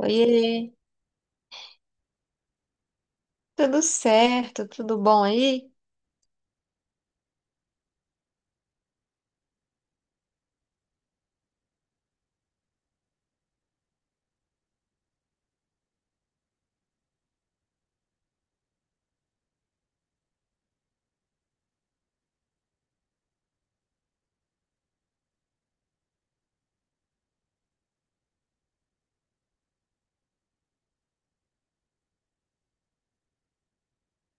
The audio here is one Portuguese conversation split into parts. Oiê, tudo certo? Tudo bom aí?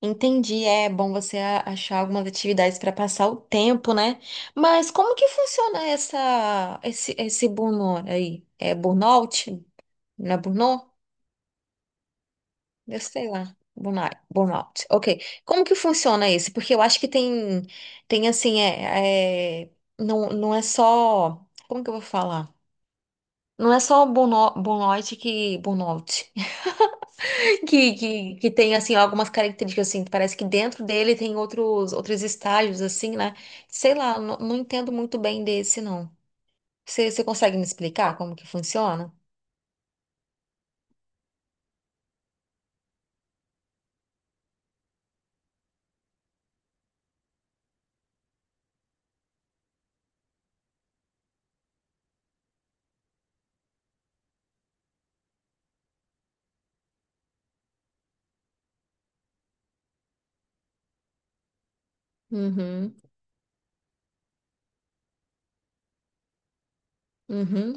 Entendi, é bom você achar algumas atividades para passar o tempo, né? Mas como que funciona essa esse esse burnout aí? É burnout? Não é burnout? Eu sei lá. Burnout, burnout. Ok. Como que funciona isso? Porque eu acho que tem assim não, não é só como que eu vou falar? Não é só burnout, burnout que burnout. Que tem, assim, algumas características, assim, parece que dentro dele tem outros, outros estágios, assim, né? Sei lá, não, não entendo muito bem desse, não. Você consegue me explicar como que funciona? Uhum, uhum,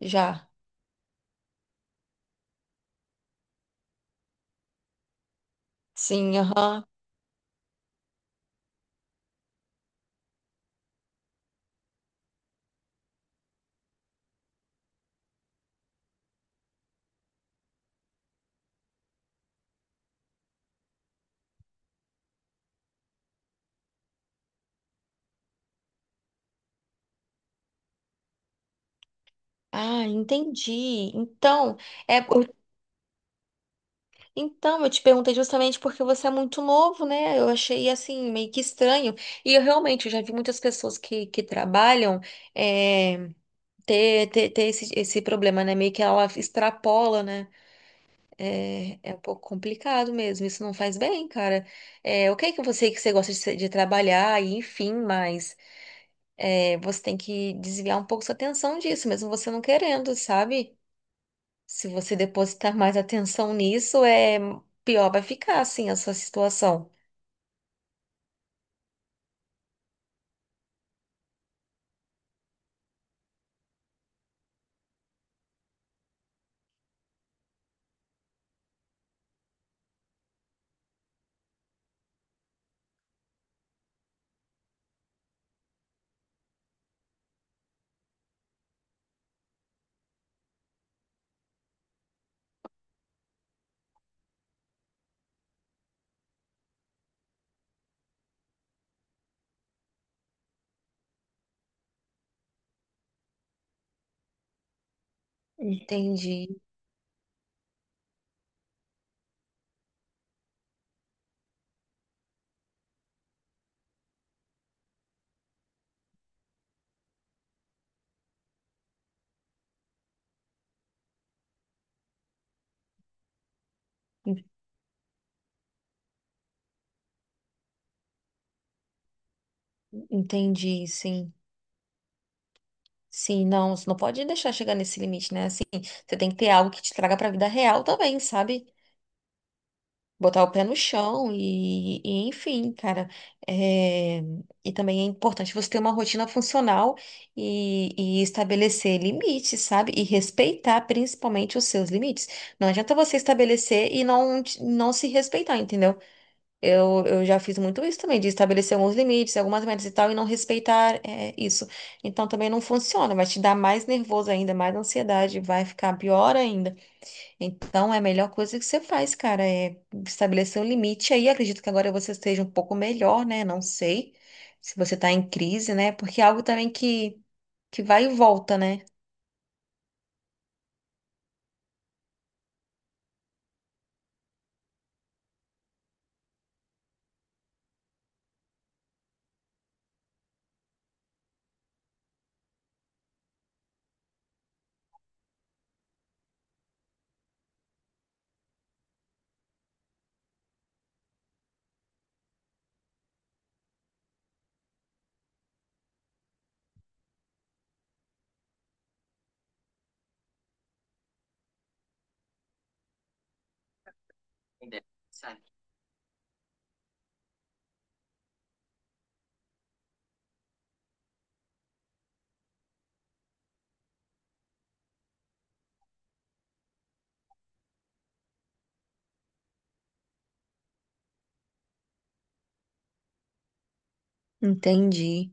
já. Sim, aham. Ah, entendi. Então, é, eu- então eu te perguntei justamente porque você é muito novo, né? Eu achei assim meio que estranho. E eu realmente eu já vi muitas pessoas que trabalham eh, ter esse, esse problema, né? Meio que ela extrapola, né? É, é um pouco complicado mesmo. Isso não faz bem, cara. É, ok que você gosta de, de trabalhar e enfim, mas é, você tem que desviar um pouco sua atenção disso, mesmo você não querendo, sabe? Se você depositar mais atenção nisso, é pior vai ficar, assim, a sua situação. Entendi, en- entendi, sim. Sim, não, você não pode deixar chegar nesse limite, né? Assim, você tem que ter algo que te traga pra vida real também, sabe? Botar o pé no chão e enfim, cara. É, e também é importante você ter uma rotina funcional e estabelecer limites, sabe? E respeitar principalmente os seus limites. Não adianta você estabelecer e não, não se respeitar, entendeu? Eu já fiz muito isso também, de estabelecer alguns limites, algumas metas e tal, e não respeitar, é, isso. Então também não funciona, vai te dar mais nervoso ainda, mais ansiedade, vai ficar pior ainda. Então, é a melhor coisa que você faz, cara, é estabelecer um limite aí. Acredito que agora você esteja um pouco melhor, né? Não sei se você tá em crise, né? Porque é algo também que vai e volta, né? Entendi.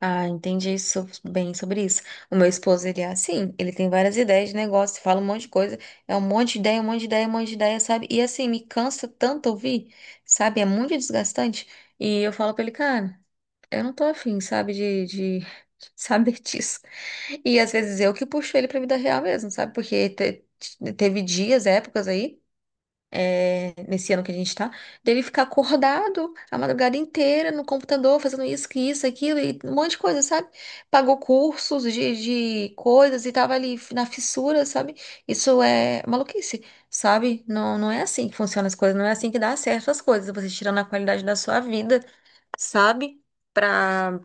Ah, entendi bem sobre isso. O meu esposo, ele é assim, ele tem várias ideias de negócio, fala um monte de coisa, é um monte de ideia, um monte de ideia, um monte de ideia, sabe? E assim, me cansa tanto ouvir, sabe? É muito desgastante. E eu falo pra ele, cara, eu não tô afim, sabe, de saber disso. E às vezes eu que puxo ele pra vida real mesmo, sabe? Porque teve dias, épocas aí, é, nesse ano que a gente tá, dele ficar acordado a madrugada inteira no computador, fazendo isso, que isso, aquilo, e um monte de coisa, sabe? Pagou cursos de coisas e tava ali na fissura, sabe? Isso é maluquice, sabe? Não, não é assim que funcionam as coisas, não é assim que dá certo as coisas, você tirando a qualidade da sua vida, sabe? Pra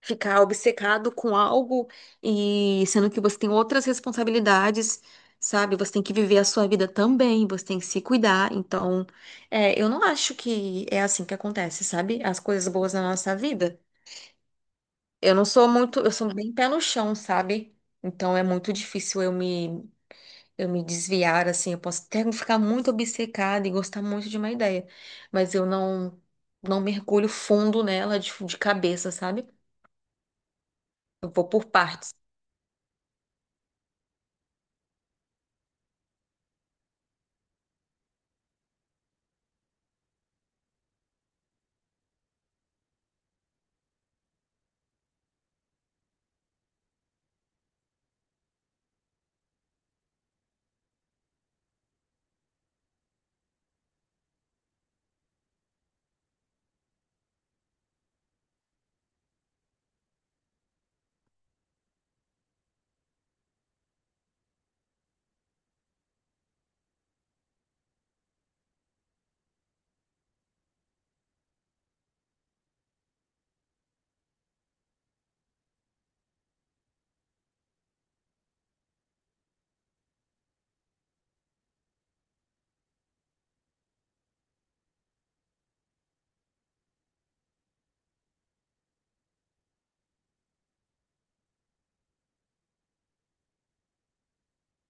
ficar obcecado com algo e sendo que você tem outras responsabilidades, sabe? Você tem que viver a sua vida também, você tem que se cuidar. Então, é, eu não acho que é assim que acontece, sabe? As coisas boas na nossa vida. Eu não sou muito, eu sou bem pé no chão, sabe? Então é muito difícil eu me desviar assim, eu posso até ficar muito obcecada e gostar muito de uma ideia, mas eu não mergulho fundo nela de cabeça, sabe? Eu vou por partes.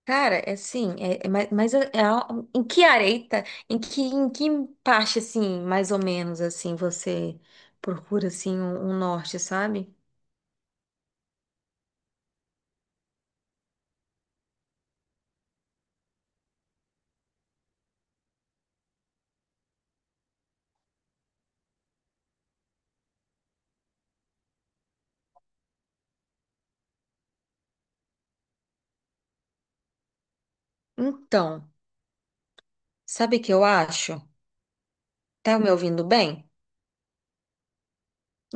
Cara, é assim, é, é mais, mas em que areita, em que parte, assim, mais ou menos, assim, você procura, assim, um norte, sabe? Então, sabe o que eu acho? Tá me ouvindo bem?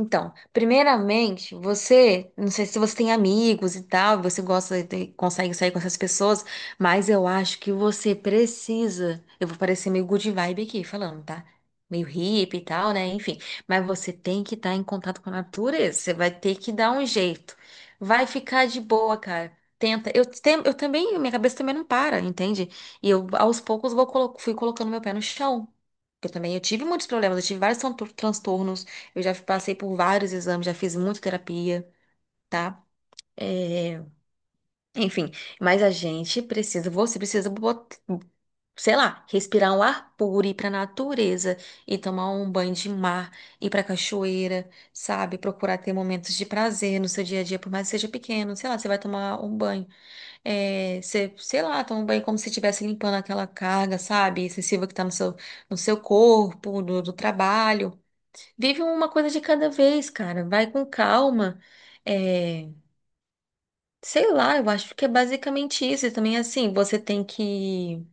Então, primeiramente, você, não sei se você tem amigos e tal, você gosta de, consegue sair com essas pessoas, mas eu acho que você precisa. Eu vou parecer meio good vibe aqui falando, tá? Meio hippie e tal, né? Enfim, mas você tem que estar em contato com a natureza, você vai ter que dar um jeito. Vai ficar de boa, cara. Tenta. Eu, eu também, minha cabeça também não para, entende? E eu, aos poucos, vou, fui colocando meu pé no chão. Eu também, eu tive muitos problemas, eu tive vários transtornos. Eu já passei por vários exames, já fiz muita terapia, tá? É, enfim, mas a gente precisa, você precisa, sei lá, respirar um ar puro, ir pra natureza e tomar um banho de mar, ir pra cachoeira, sabe? Procurar ter momentos de prazer no seu dia a dia, por mais que seja pequeno, sei lá, você vai tomar um banho, é, você, sei lá, toma um banho como se estivesse limpando aquela carga, sabe? Excessiva que tá no seu, no seu corpo, do trabalho. Vive uma coisa de cada vez, cara. Vai com calma. É, sei lá, eu acho que é basicamente isso. E também, assim, você tem que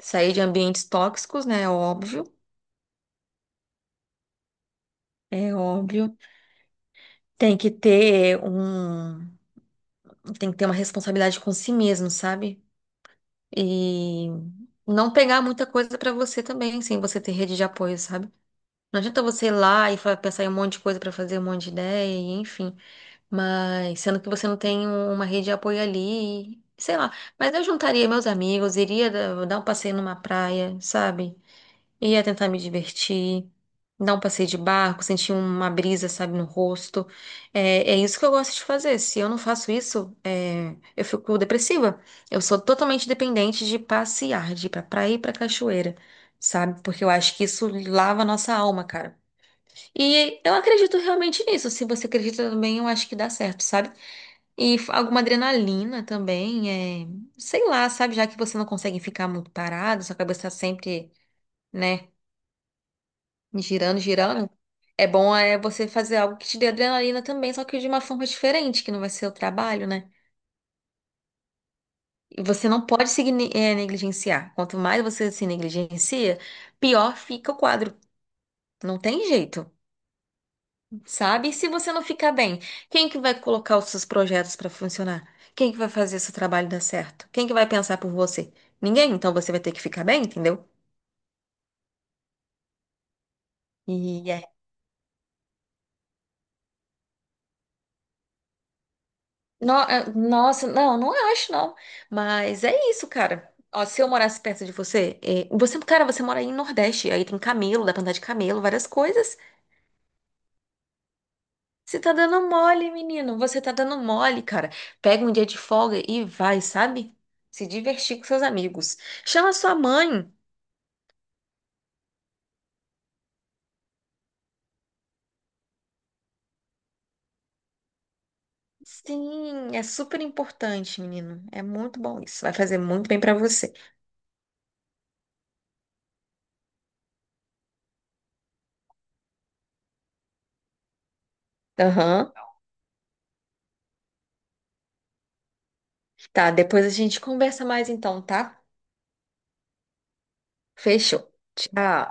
sair de ambientes tóxicos, né? É óbvio. É óbvio. Tem que ter um. Tem que ter uma responsabilidade com si mesmo, sabe? E não pegar muita coisa pra você também, sem você ter rede de apoio, sabe? Não adianta você ir lá e pensar em um monte de coisa pra fazer, um monte de ideia, e enfim. Mas sendo que você não tem uma rede de apoio ali, sei lá. Mas eu juntaria meus amigos, iria dar um passeio numa praia, sabe? Ia tentar me divertir, dar um passeio de barco, sentir uma brisa, sabe, no rosto. É, é isso que eu gosto de fazer. Se eu não faço isso, é, eu fico depressiva. Eu sou totalmente dependente de passear, de ir pra praia e pra cachoeira, sabe? Porque eu acho que isso lava a nossa alma, cara. E eu acredito realmente nisso. Se você acredita também, eu acho que dá certo, sabe? E alguma adrenalina também, é, sei lá, sabe? Já que você não consegue ficar muito parado, sua cabeça tá sempre, né, girando, girando. É bom é você fazer algo que te dê adrenalina também, só que de uma forma diferente, que não vai ser o trabalho, né? E você não pode se negligenciar. Quanto mais você se negligencia, pior fica o quadro. Não tem jeito. Sabe? E se você não ficar bem, quem que vai colocar os seus projetos para funcionar? Quem que vai fazer seu trabalho dar certo? Quem que vai pensar por você? Ninguém, então você vai ter que ficar bem, entendeu? E é. É, nossa, não, não acho, não. Mas é isso, cara. Ó, se eu morasse perto de você, é, você, cara, você mora aí no Nordeste, aí tem camelo, dá pra andar de camelo, várias coisas. Você tá dando mole, menino. Você tá dando mole, cara. Pega um dia de folga e vai, sabe? Se divertir com seus amigos. Chama sua mãe. Sim, é super importante, menino. É muito bom isso. Vai fazer muito bem pra você. Aham. Tá, depois a gente conversa mais então, tá? Fechou. Tchau.